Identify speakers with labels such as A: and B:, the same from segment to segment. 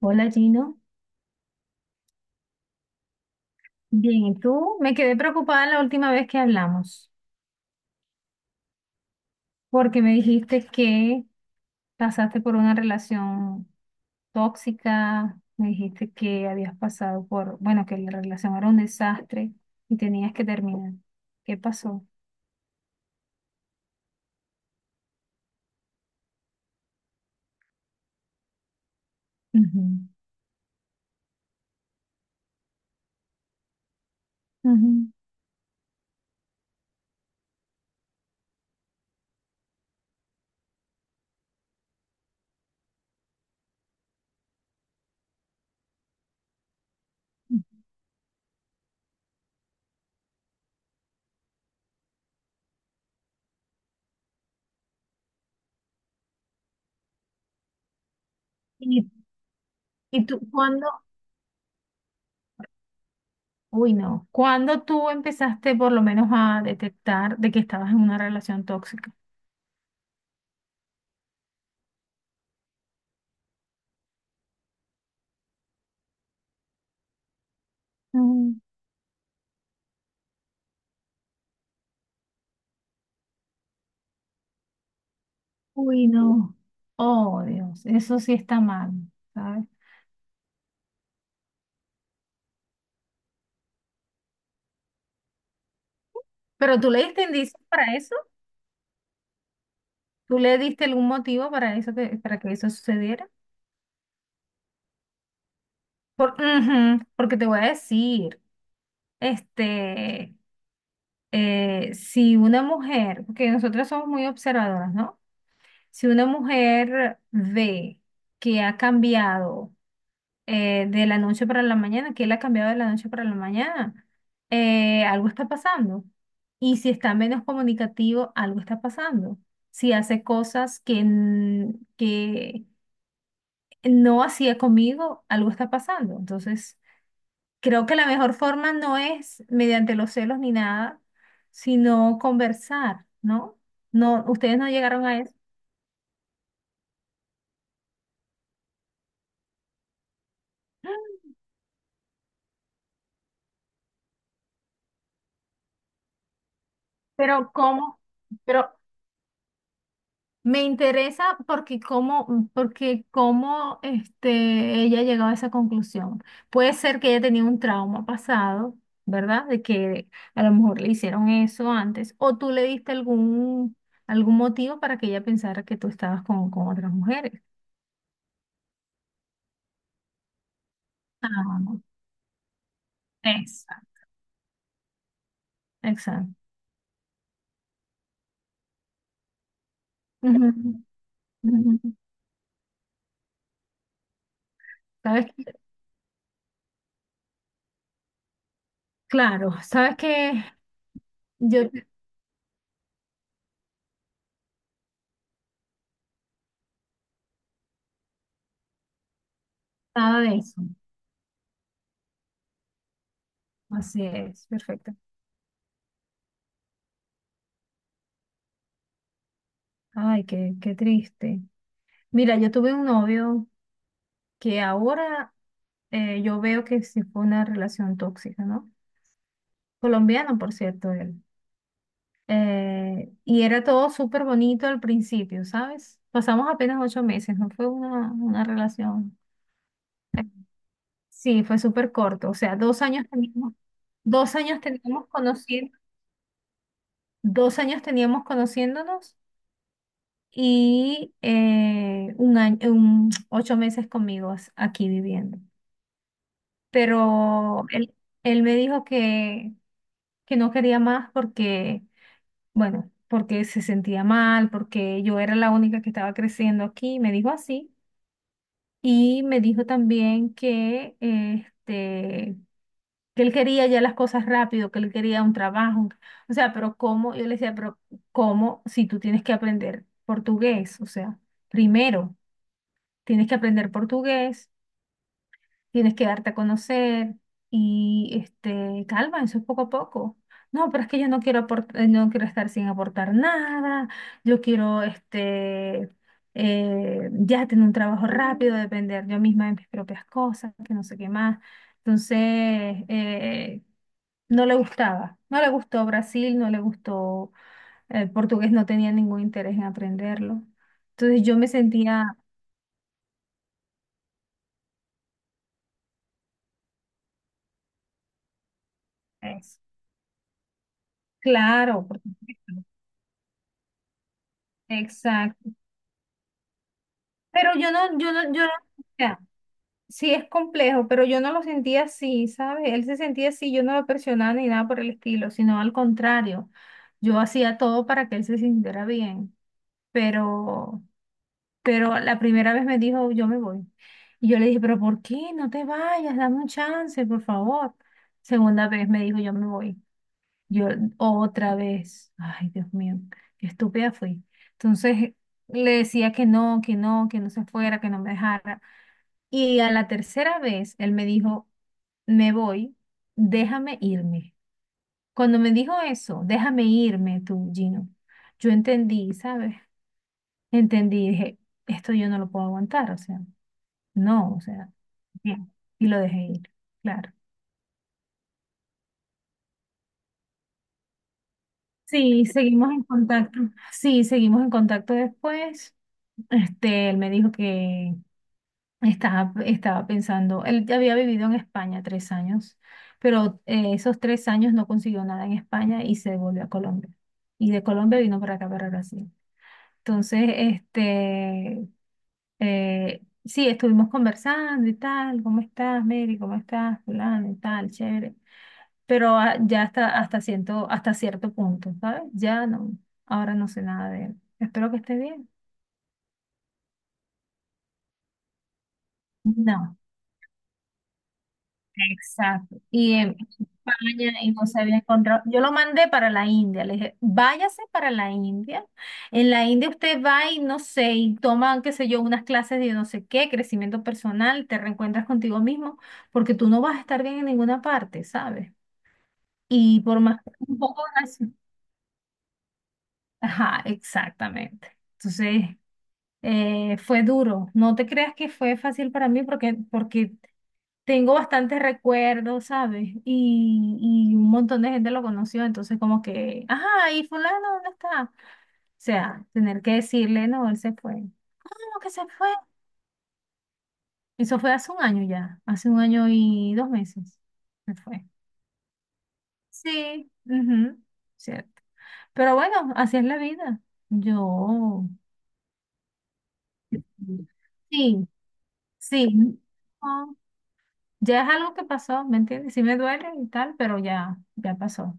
A: Hola Gino, bien, ¿y tú? Me quedé preocupada la última vez que hablamos, porque me dijiste que pasaste por una relación tóxica, me dijiste que habías pasado por, bueno, que la relación era un desastre y tenías que terminar. ¿Qué pasó? Ujú, ujú. ¿Y, y tú cuándo? Uy, no. ¿Cuándo tú empezaste por lo menos a detectar de que estabas en una relación tóxica? Uy, no. Oh, Dios, eso sí está mal, ¿sabes? Pero tú le diste indicios para eso. ¿Tú le diste algún motivo para eso que, para que eso sucediera? Por, ujú, porque te voy a decir, este, si una mujer, porque nosotras somos muy observadoras, ¿no? Si una mujer ve que ha cambiado de la noche para la mañana, que él ha cambiado de la noche para la mañana. Algo está pasando. Y si está menos comunicativo, algo está pasando. Si hace cosas que, que no hacía conmigo, algo está pasando. Entonces, creo que la mejor forma no es mediante los celos ni nada, sino conversar, ¿no? No, ustedes no llegaron a eso. Pero ¿cómo? Pero Me interesa porque cómo, porque cómo ella ha llegado a esa conclusión. Puede ser que ella tenía un trauma pasado, ¿verdad? De que a lo mejor le hicieron eso antes, o tú le diste algún, algún motivo para que ella pensara que tú estabas con otras mujeres. Ah, exacto. Exacto. Ujú, ujú. ¿Sabes qué? Claro, sabes que yo pensaba de eso. Así es, perfecto. Ay, qué, qué triste. Mira, yo tuve un novio que ahora yo veo que sí fue una relación tóxica, ¿no? Colombiano, por cierto, él. Y era todo súper bonito al principio, ¿sabes? Pasamos apenas 8 meses, no fue una relación. Sí, fue súper corto, o sea, dos años teníamos conociendo, 2 años teníamos conociéndonos y 8 meses conmigo aquí viviendo. Pero él me dijo que no quería más porque, bueno, porque se sentía mal, porque yo era la única que estaba creciendo aquí, me dijo así. Y me dijo también que, que él quería ya las cosas rápido, que él quería un trabajo. O sea, pero ¿cómo? Yo le decía, pero ¿cómo si tú tienes que aprender portugués? O sea, primero tienes que aprender portugués, tienes que darte a conocer y este, calma, eso es poco a poco. No, pero es que yo no quiero aportar, no quiero estar sin aportar nada, yo quiero ya tener un trabajo rápido, depender yo misma de mis propias cosas, que no sé qué más. Entonces, no le gustaba, no le gustó Brasil, no le gustó el portugués, no tenía ningún interés en aprenderlo. Entonces yo me sentía, es, claro, por supuesto. Exacto. Pero yo no, o sea, sí es complejo, pero yo no lo sentía así, ¿sabes? Él se sentía así, yo no lo presionaba ni nada por el estilo, sino al contrario, yo hacía todo para que él se sintiera bien, pero, pero la primera vez me dijo, yo me voy. Y yo le dije, pero ¿por qué? No te vayas, dame un chance, por favor. Segunda vez me dijo, yo me voy. Yo otra vez, ay Dios mío, qué estúpida fui. Entonces le decía que no, que no se fuera, que no me dejara. Y a la tercera vez él me dijo, me voy, déjame irme. Cuando me dijo eso, déjame irme tú, Gino, yo entendí, ¿sabes? Entendí, dije, esto yo no lo puedo aguantar, o sea, no, o sea, bien, y lo dejé ir, claro. Sí, seguimos en contacto. Sí, seguimos en contacto después. Este, él me dijo que estaba pensando, él ya había vivido en España 3 años, pero esos 3 años no consiguió nada en España y se volvió a Colombia. Y de Colombia vino para acá, para Brasil. Entonces, sí, estuvimos conversando y tal, ¿cómo estás, Mary? ¿Cómo estás, fulano y tal? Chévere. Pero ah, ya siento, hasta cierto punto, ¿sabes? Ya no, ahora no sé nada de él. Espero que esté bien. No. Exacto. Y en España y no se había encontrado. Yo lo mandé para la India. Le dije, váyase para la India. En la India usted va y no sé, y toma, qué sé yo, unas clases de no sé qué, crecimiento personal, te reencuentras contigo mismo, porque tú no vas a estar bien en ninguna parte, ¿sabes? Y por más un poco así. Ajá, exactamente. Entonces, fue duro. No te creas que fue fácil para mí porque tengo bastantes recuerdos, ¿sabes? Y un montón de gente lo conoció, entonces como que, ajá, ¿y fulano dónde está? O sea, tener que decirle, no, él se fue. ¿Cómo que se fue? Eso fue hace 1 año ya, hace un año y 2 meses se fue. Sí, ujú, cierto. Pero bueno, así es la vida. Yo, sí, sí. No, ya es algo que pasó, ¿me entiendes? Sí me duele y tal, pero ya, ya pasó.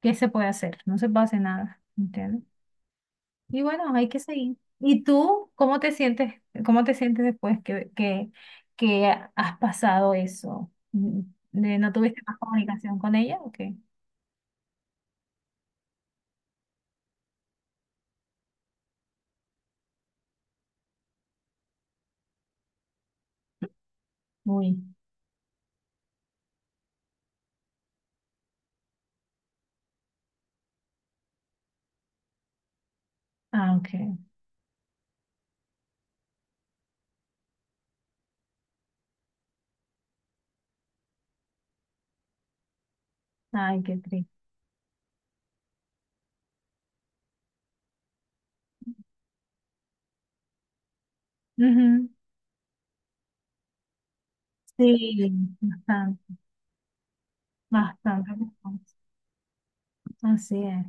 A: ¿Qué se puede hacer? No se puede hacer nada, ¿entiendes? Y bueno, hay que seguir. ¿Y tú cómo te sientes después que has pasado eso? ¿No tuviste más comunicación con ella o qué? Uy, ah, ok. Ay, qué triste. Ujú. Sí, bastante, bastante. Así es.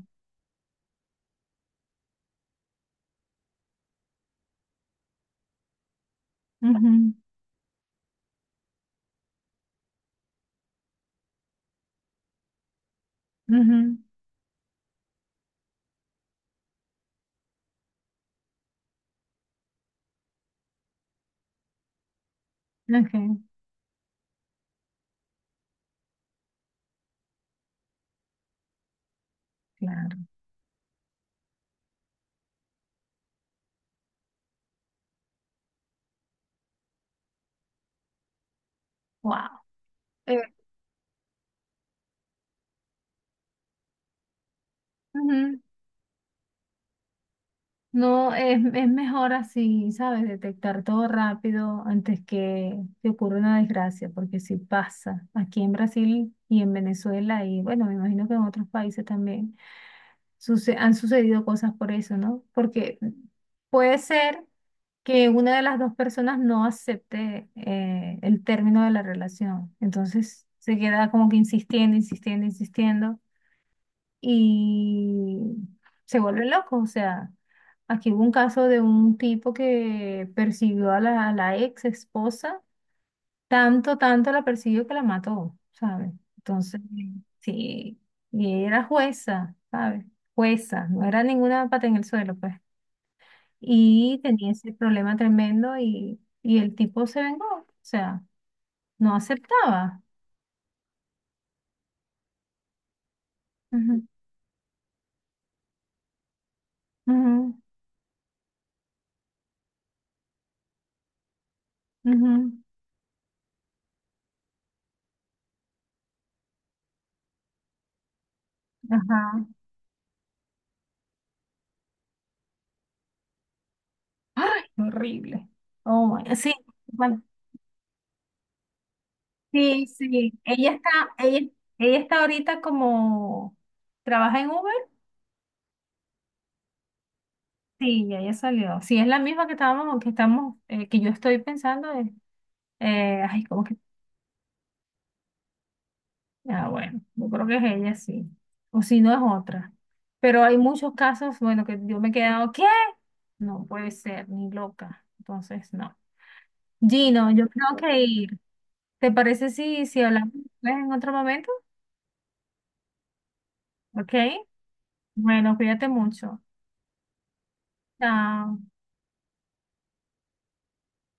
A: Ujú, ujú. Ok, claro. Wow. Eh, ujú. No, es mejor así, ¿sabes? Detectar todo rápido antes que te ocurra una desgracia, porque sí pasa aquí en Brasil y en Venezuela y bueno, me imagino que en otros países también han sucedido cosas por eso, ¿no? Porque puede ser que una de las dos personas no acepte el término de la relación, entonces se queda como que insistiendo, insistiendo, insistiendo y se vuelven locos. O sea, aquí hubo un caso de un tipo que persiguió a a la ex esposa, tanto, tanto la persiguió que la mató, ¿sabes? Entonces, sí, y era jueza, ¿sabes? Jueza, no era ninguna pata en el suelo, pues. Y tenía ese problema tremendo y el tipo se vengó, o sea, no aceptaba. Ujú, ujú, ujú, ajá. Ay, horrible. Oh my. Sí, bueno, sí, sí. Ella, ella está ahorita como trabaja en Uber. Sí, ya ella salió. Sí, es la misma que estamos, que yo estoy pensando es, ay, cómo que, ah, bueno, yo creo que es ella, sí. O si no es otra. Pero hay muchos casos, bueno, que yo me he quedado, ¿qué? No puede ser, ni loca. Entonces, no. Gino, yo tengo que ir. ¿Te parece si, si hablamos después en otro momento? Ok. Bueno, cuídate mucho. Chao.